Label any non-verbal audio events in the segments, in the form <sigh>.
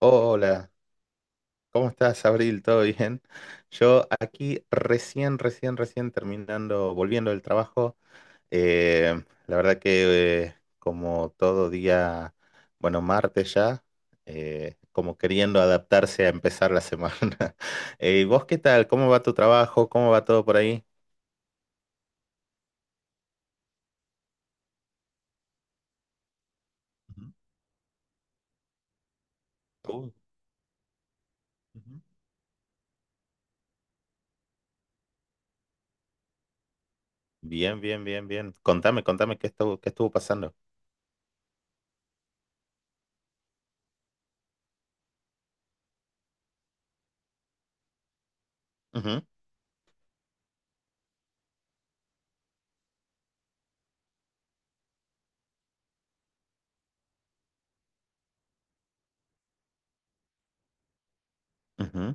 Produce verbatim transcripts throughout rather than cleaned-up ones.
Hola, ¿cómo estás, Abril? ¿Todo bien? Yo aquí recién, recién, recién terminando, volviendo del trabajo. Eh, la verdad que eh, como todo día, bueno, martes ya, eh, como queriendo adaptarse a empezar la semana. <laughs> Eh, ¿vos qué tal? ¿Cómo va tu trabajo? ¿Cómo va todo por ahí? Ujú. Uh, Ujú. Bien, bien, bien, bien. Contame, contame qué estuvo, qué estuvo pasando. Ujú, ujú.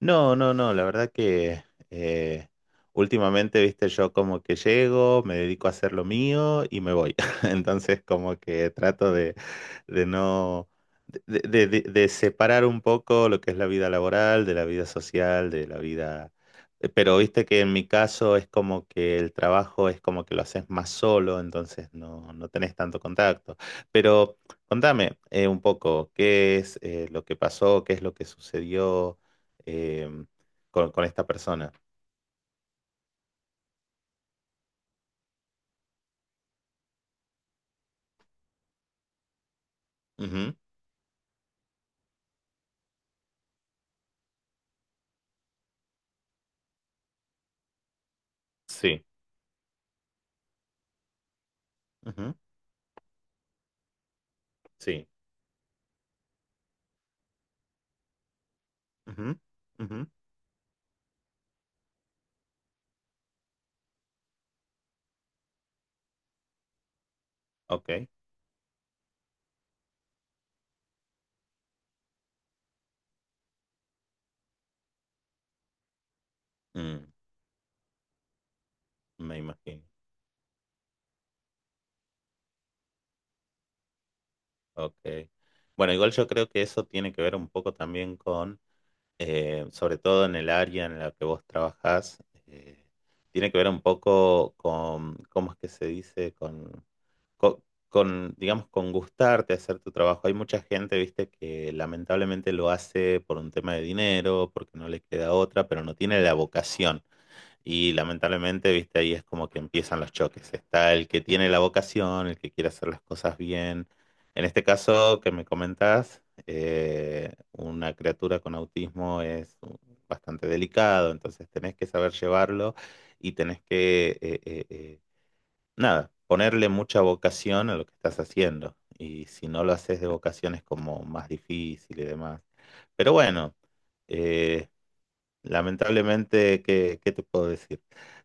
No, no, no, la verdad que eh, últimamente, viste, yo como que llego, me dedico a hacer lo mío y me voy. <laughs> Entonces como que trato de, de no, de, de- de- de separar un poco lo que es la vida laboral, de la vida social, de la vida. eh, Pero viste que en mi caso es como que el trabajo es como que lo haces más solo, entonces no, no tenés tanto contacto. Pero contame eh, un poco, ¿qué es eh, lo que pasó? ¿Qué es lo que sucedió? eh, con, con esta persona. Ujú, sí, ujú, sí, ujú, ujú, ok, mm, me imagino, ok. Bueno, igual yo creo que eso tiene que ver un poco también con eh, sobre todo en el área en la que vos trabajás, eh, tiene que ver un poco con, ¿cómo es que se dice? Con, co- con, digamos, con gustarte hacer tu trabajo. Hay mucha gente, viste, que lamentablemente lo hace por un tema de dinero, porque no le queda otra, pero no tiene la vocación. Y lamentablemente, viste, ahí es como que empiezan los choques. Está el que tiene la vocación, el que quiere hacer las cosas bien. En este caso que me comentás, eh, una criatura con autismo es bastante delicado, entonces tenés que saber llevarlo y tenés que eh, eh, eh, nada, ponerle mucha vocación a lo que estás haciendo. Y si no lo haces de vocación es como más difícil y demás. Pero bueno. Eh, Lamentablemente, ¿qué, qué te puedo decir?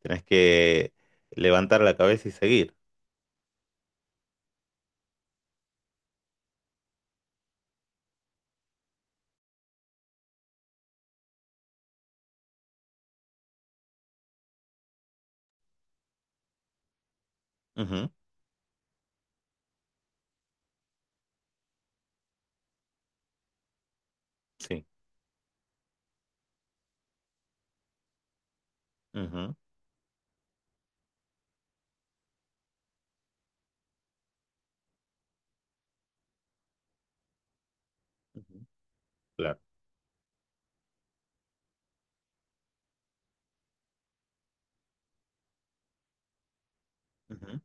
Tenés que levantar la cabeza y seguir. Ujú, sí, ujú, ujú, claro, ujú,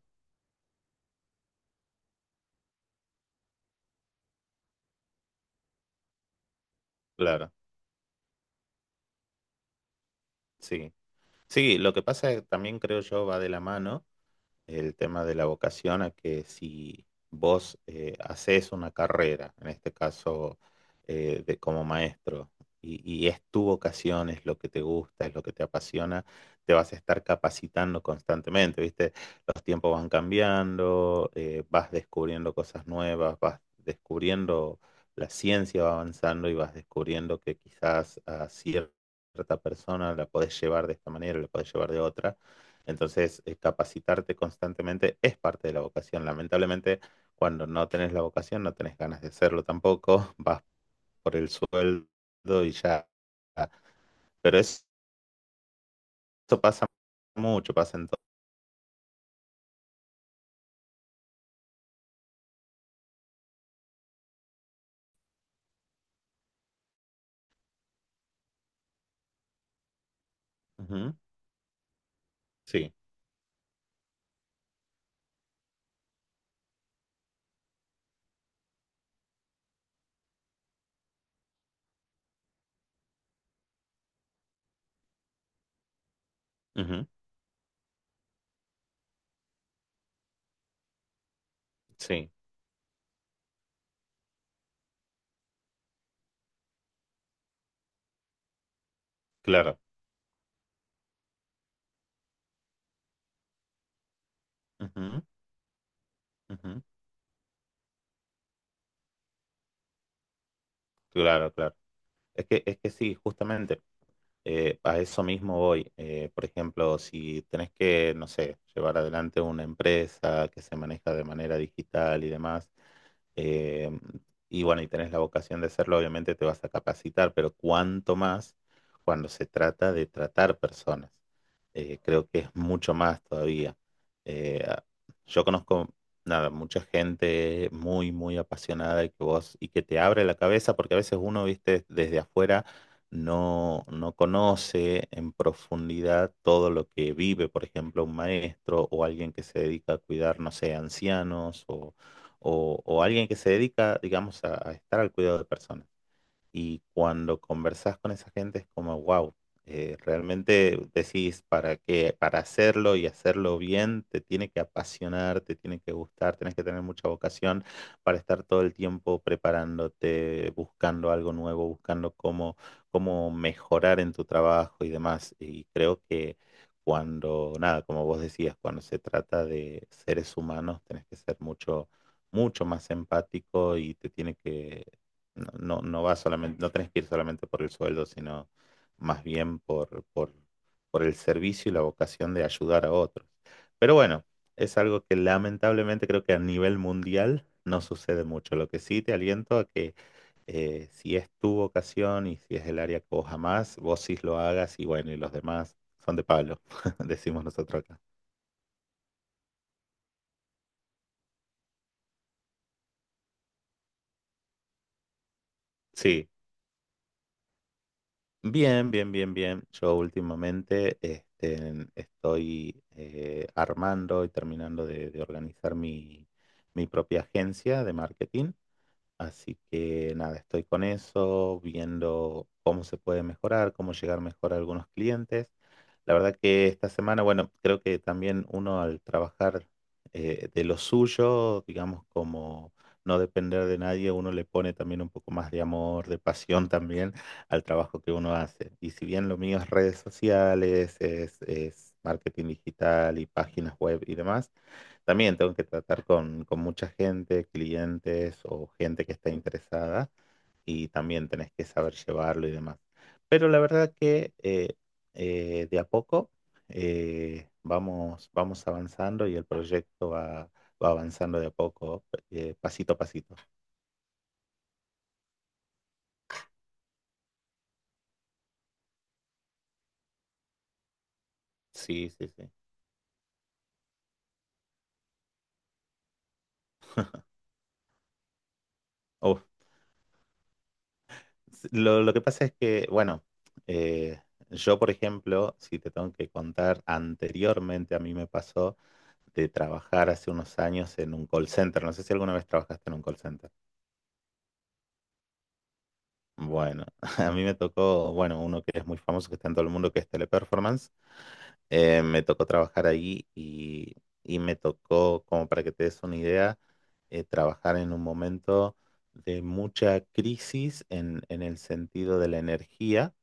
claro. Sí. Sí, lo que pasa es que también, creo yo, va de la mano el tema de la vocación, a que si vos eh, haces una carrera, en este caso eh, de, como maestro, y, y es tu vocación, es lo que te gusta, es lo que te apasiona, te vas a estar capacitando constantemente, ¿viste? Los tiempos van cambiando, eh, vas descubriendo cosas nuevas, vas descubriendo, la ciencia va avanzando y vas descubriendo que quizás a cierta persona la podés llevar de esta manera, la podés llevar de otra. Entonces, eh, capacitarte constantemente es parte de la vocación. Lamentablemente, cuando no tenés la vocación, no tenés ganas de hacerlo tampoco, vas por el sueldo y ya. Pero es- eso pasa mucho, pasa en todo. Ujú, sí, ujú, sí, claro, ujú, ujú, claro, claro. Es que, es que sí, justamente. Eh, a eso mismo voy. Eh, por ejemplo, si tenés que, no sé, llevar adelante una empresa que se maneja de manera digital y demás, eh, y bueno, y tenés la vocación de hacerlo, obviamente te vas a capacitar, pero cuánto más cuando se trata de tratar personas. Eh, creo que es mucho más todavía. Eh, yo conozco, nada, mucha gente muy, muy apasionada y que vos, y que te abre la cabeza, porque a veces uno, viste, desde afuera no, no conoce en profundidad todo lo que vive, por ejemplo, un maestro o alguien que se dedica a cuidar, no sé, ancianos o, o- o alguien que se dedica, digamos, a, a estar al cuidado de personas. Y cuando conversas con esa gente es como, wow, realmente decís para que, para hacerlo y hacerlo bien, te tiene que apasionar, te tiene que gustar, tienes que tener mucha vocación para estar todo el tiempo preparándote, buscando algo nuevo, buscando cómo, cómo mejorar en tu trabajo y demás. Y creo que cuando, nada, como vos decías, cuando se trata de seres humanos, tenés que ser mucho, mucho más empático y te tiene que no, no, no va solamente, no tenés que ir solamente por el sueldo, sino más bien por, por, por el servicio y la vocación de ayudar a otros. Pero bueno, es algo que lamentablemente creo que a nivel mundial no sucede mucho. Lo que sí te aliento a que eh, si es tu vocación y si es el área que vos amás, vos sí lo hagas y bueno, y los demás son de palo, <laughs> decimos nosotros acá. Sí, bien, bien, bien, bien. Yo últimamente este, estoy eh, armando y terminando de, de organizar mi, mi propia agencia de marketing. Así que nada, estoy con eso, viendo cómo se puede mejorar, cómo llegar mejor a algunos clientes. La verdad que esta semana, bueno, creo que también uno, al trabajar eh, de lo suyo, digamos, como no depender de nadie, uno le pone también un poco más de amor, de pasión también al trabajo que uno hace. Y si bien lo mío es redes sociales, es, es marketing digital y páginas web y demás. También tengo que tratar con, con mucha gente, clientes o gente que está interesada, y también tenés que saber llevarlo y demás. Pero la verdad que eh, eh, de a poco eh, vamos, vamos, avanzando y el proyecto va, va avanzando de a poco, eh, pasito a pasito. Sí, sí, sí. Uf, Lo, lo que pasa es que, bueno, eh, yo, por ejemplo, si te tengo que contar, anteriormente a mí me pasó de trabajar hace unos años en un call center. No sé si alguna vez trabajaste en un call center. Bueno, <laughs> a mí me tocó, bueno, uno que es muy famoso, que está en todo el mundo, que es Teleperformance. Eh, me tocó trabajar ahí y, y me tocó, como para que te des una idea, eh, trabajar en un momento de mucha crisis en en el sentido de la energía.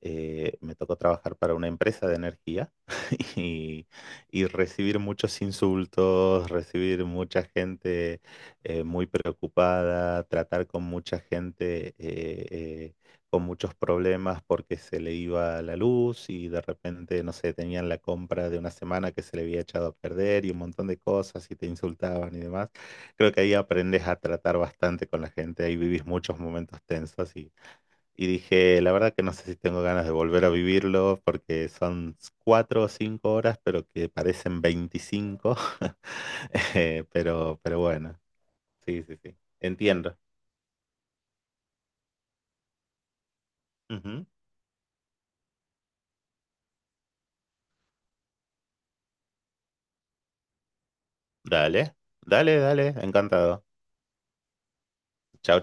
eh, Me tocó trabajar para una empresa de energía <laughs> y, y recibir muchos insultos, recibir mucha gente eh, muy preocupada, tratar con mucha gente eh, eh, con muchos problemas porque se le iba la luz y de repente, no sé, tenían la compra de una semana que se le había echado a perder y un montón de cosas y te insultaban y demás. Creo que ahí aprendes a tratar bastante con la gente, ahí vivís muchos momentos tensos y y dije, la verdad que no sé si tengo ganas de volver a vivirlo porque son cuatro o cinco horas, pero que parecen veinticinco. <laughs> Eh, pero, pero bueno, sí, sí, sí. Entiendo. Ujú. Dale, dale, dale, encantado. Chao.